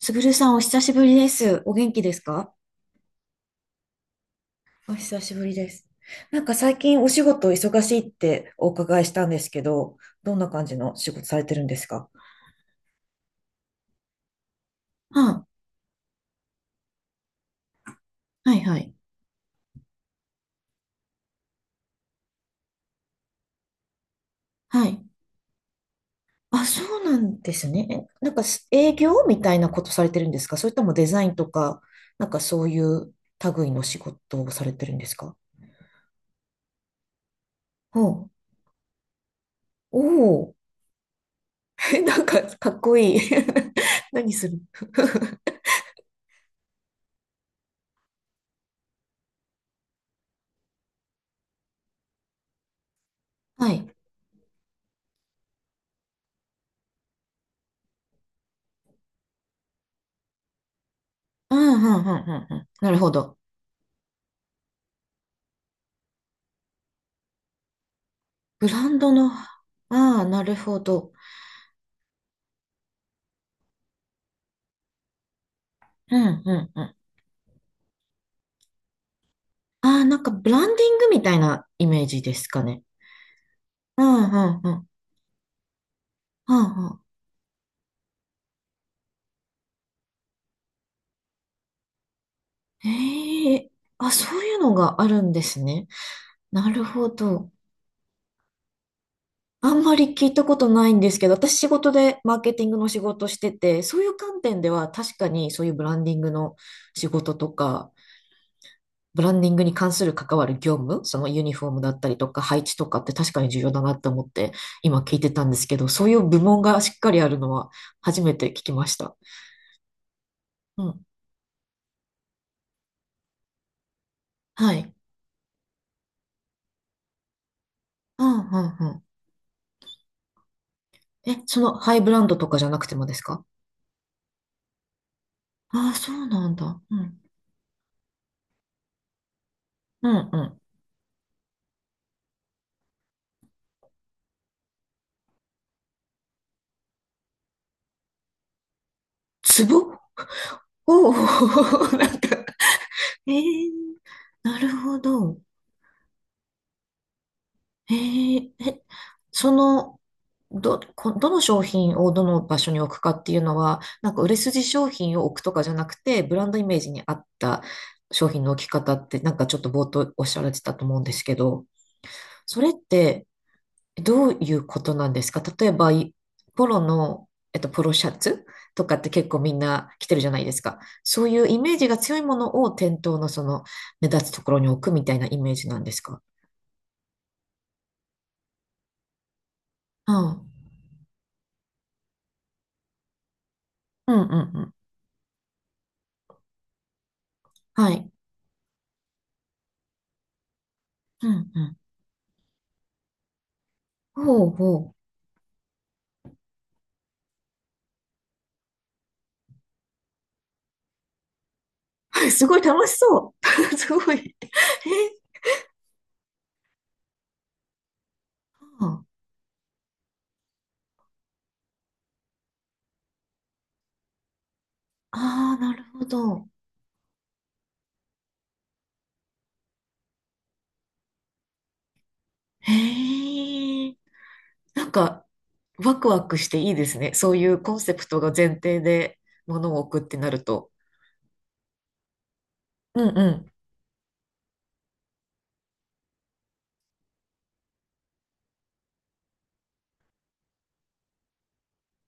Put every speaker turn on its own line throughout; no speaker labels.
すぐるさん、お久しぶりです。お元気ですか？お久しぶりです。最近お仕事忙しいってお伺いしたんですけど、どんな感じの仕事されてるんですか？はあ、はいはい。はい。あ、そうなんですね。えなんかす営業みたいなことされてるんですか？それともデザインとか、そういう類の仕事をされてるんですか？ほう。おお。なんかかっこいい。何する はい。うん、うん、うん、うん。うん、なるほど。ブランドの、ああ、なるほど。うん、うん、うん。ああ、なんかブランディングみたいなイメージですかね。うん、うん、うん。うんうん、ええ、あ、そういうのがあるんですね。なるほど。あんまり聞いたことないんですけど、私仕事でマーケティングの仕事してて、そういう観点では確かにそういうブランディングの仕事とか、ブランディングに関する関わる業務、そのユニフォームだったりとか配置とかって確かに重要だなって思って今聞いてたんですけど、そういう部門がしっかりあるのは初めて聞きました。うん。はい。うんうんうん。え、そのハイブランドとかじゃなくてもですか？ああ、そうなんだ。うん。うんうん。ツボ？おおー、なんか、えー、なるほど。えー、え、その、どの商品をどの場所に置くかっていうのは、なんか売れ筋商品を置くとかじゃなくて、ブランドイメージに合った商品の置き方って、なんかちょっと冒頭おっしゃられてたと思うんですけど、それってどういうことなんですか？例えば、ポロの、ポロシャツとかって結構みんな着てるじゃないですか。そういうイメージが強いものを店頭のその目立つところに置くみたいなイメージなんですか？うん。うんうんうん。はい。うんうん。ほうほう。すごい楽しそう。すごい。え、ああー、なるほど。へえ。なんか、ワクワクしていいですね。そういうコンセプトが前提で物を置くってなると。うんうん。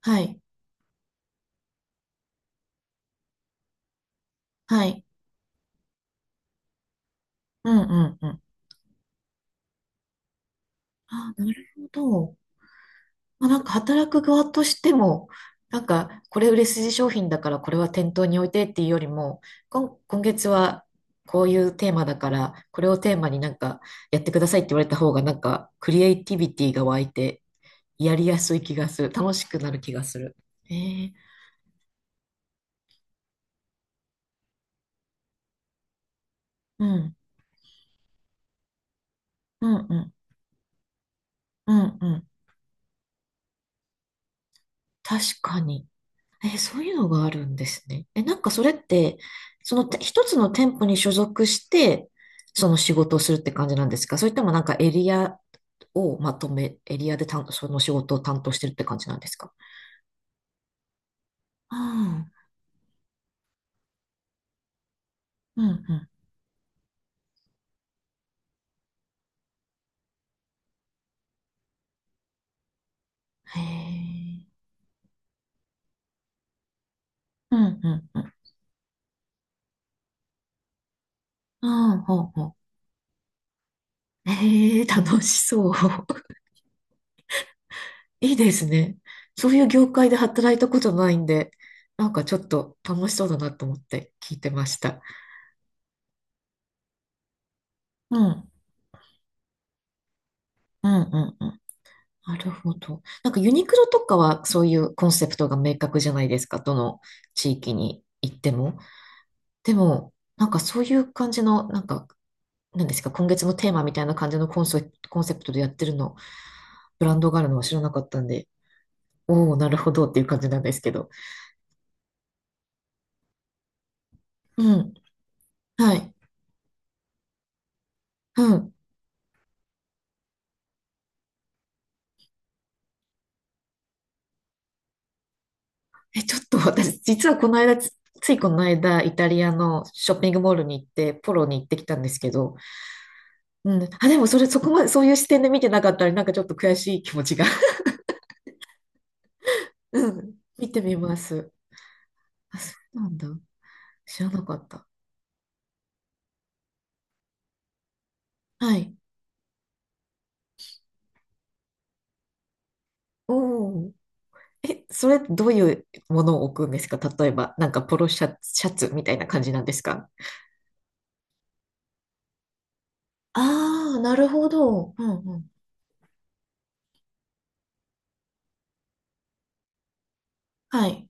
はい。はい。うんうんうん。ああ、なるほど。まあ、なんか働く側としても、なんかこれ売れ筋商品だからこれは店頭に置いてっていうよりも、今月はこういうテーマだからこれをテーマになんかやってくださいって言われた方がなんかクリエイティビティが湧いてやりやすい気がする。楽しくなる気がする。えー、うん、うん、うん、うん、うん。確かに。え、そういうのがあるんですね。え、なんかそれって、一つの店舗に所属して、その仕事をするって感じなんですか？それともなんかエリアをまとめ、エリアでその仕事を担当してるって感じなんですか？ああ、うん、うんうん。へえ。うん、うん、うん。ああ、ほうほう。へえ、楽しそう。いいですね。そういう業界で働いたことないんで、なんかちょっと楽しそうだなと思って聞いてました。うん、うん、うん、うん。なるほど。なんかユニクロとかはそういうコンセプトが明確じゃないですか。どの地域に行っても。でも、なんかそういう感じの、なんか、なんですか、今月のテーマみたいな感じのコンセプトでやってるの、ブランドがあるのは知らなかったんで、おお、なるほどっていう感じなんですけど。うん。はい。うん。え、ちょっと私、実はこの間、ついこの間、イタリアのショッピングモールに行って、ポロに行ってきたんですけど、うん。あ、でもそれ、そこまで、そういう視点で見てなかったら、なんかちょっと悔しい気持ちが。うん。見てみます。あ、そうなんだ。知らなかった。はい。おお。え、それどういうものを置くんですか？例えば、なんかポロシャツ、シャツみたいな感じなんですか？ああー、なるほど。うんうん。はい。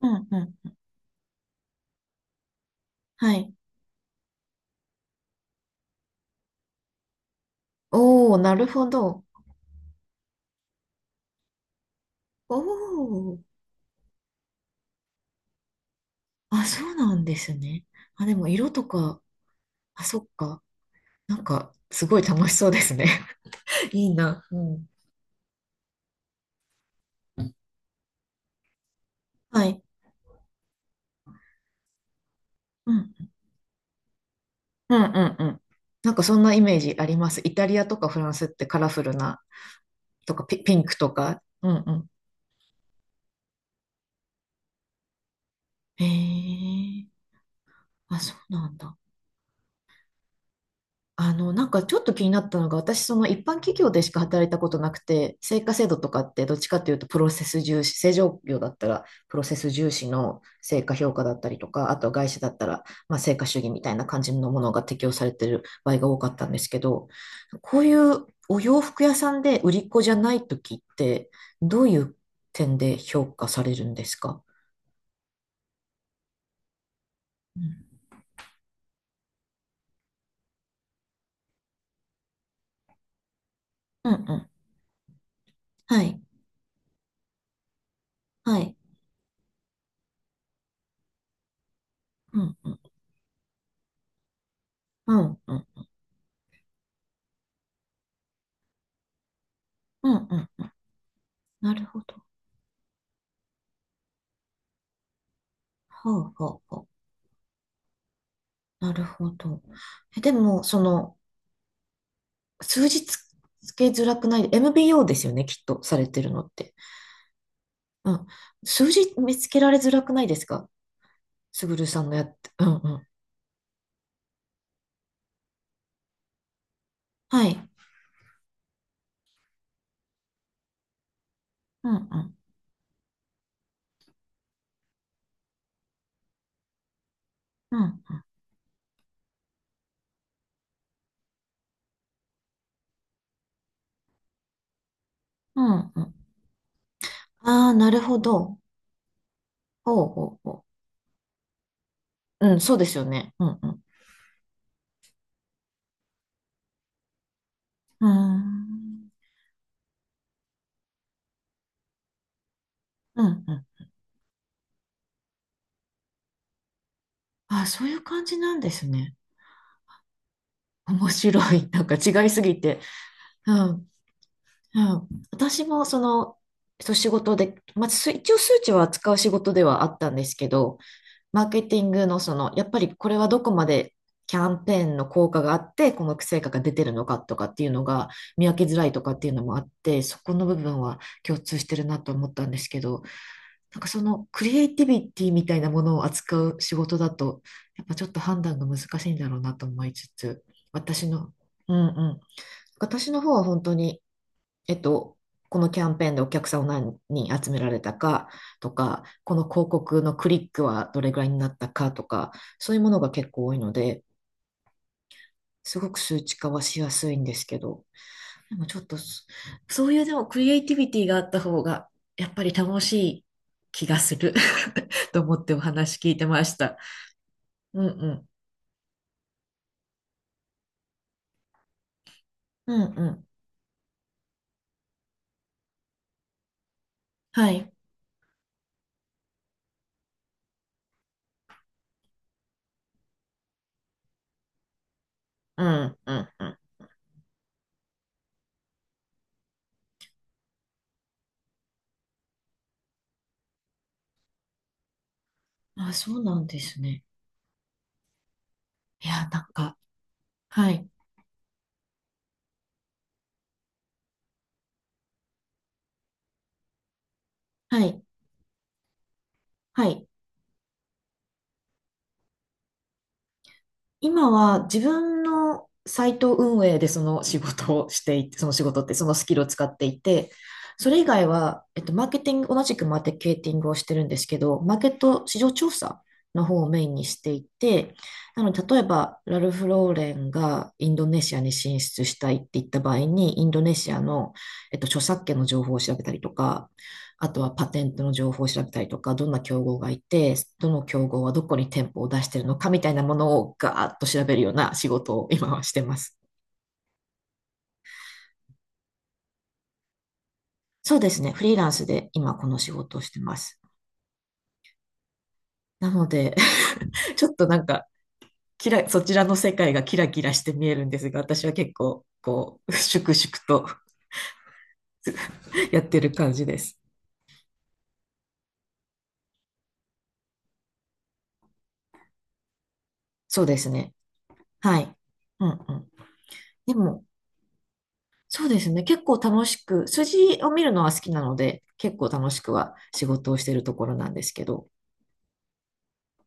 うんうん。はい。おお、なるほど。おお。あ、そうなんですね。あ、でも色とか、あ、そっか。なんか、すごい楽しそうですね。いいな。うん。はい。うんうんうんうん。なんかそんなイメージあります。イタリアとかフランスってカラフルな、とかピ、ピンクとか。うんうん。へえ。あ、そうなんだ。あの、なんかちょっと気になったのが、私、その一般企業でしか働いたことなくて、成果制度とかってどっちかというとプロセス重視、正常業だったらプロセス重視の成果評価だったりとか、あとは外資だったら、まあ、成果主義みたいな感じのものが適用されてる場合が多かったんですけど、こういうお洋服屋さんで売り子じゃない時って、どういう点で評価されるんですか？うんうんうん。はい。はい。うんうん。うんうん。うんうん。なるほど。はあはあはあ。なるほど。え、でも、その、数字つ、つけづらくない、MBO ですよね、きっと、されてるのって。うん。数字見つけられづらくないですか？すぐるさんのやって。うんうん。はい。うんうん。うんうん。うんうん。ああ、なるほど。ほうほうほう。うん、そうですよね。うんうん。うーん。うんうん。ああ、そういう感じなんですね。面白い。なんか違いすぎて。うん。うん、私もその、そう仕事で、まあ、一応数値は扱う仕事ではあったんですけど、マーケティングのその、やっぱりこれはどこまでキャンペーンの効果があって、この成果が出てるのかとかっていうのが見分けづらいとかっていうのもあって、そこの部分は共通してるなと思ったんですけど、なんかそのクリエイティビティみたいなものを扱う仕事だと、やっぱちょっと判断が難しいんだろうなと思いつつ、私の、うんうん、私の方は本当に、えっと、このキャンペーンでお客さんを何人集められたかとか、この広告のクリックはどれぐらいになったかとか、そういうものが結構多いので、すごく数値化はしやすいんですけど、でもちょっとそ、そういうでもクリエイティビティがあった方が、やっぱり楽しい気がする と思ってお話聞いてました。うんうん。うんうん。はい。うんうんうん。あ、そうなんですね。いや、なんか、はい。はい。はい。今は自分のサイト運営でその仕事をしていて、その仕事ってそのスキルを使っていて、それ以外は、えっと、マーケティング、同じくマーケティングをしてるんですけど、マーケット市場調査の方をメインにしていて、なので、例えば、ラルフ・ローレンがインドネシアに進出したいって言った場合に、インドネシアの、著作権の情報を調べたりとか、あとはパテントの情報を調べたりとか、どんな競合がいて、どの競合はどこに店舗を出してるのかみたいなものをガーッと調べるような仕事を今はしてます。そうですね。フリーランスで今この仕事をしてます。なので、ちょっとなんか、そちらの世界がキラキラして見えるんですが、私は結構、こう、粛々と やってる感じです。そうですね。はい。うんうん。でも、そうですね。結構楽しく、筋を見るのは好きなので、結構楽しくは仕事をしているところなんですけど。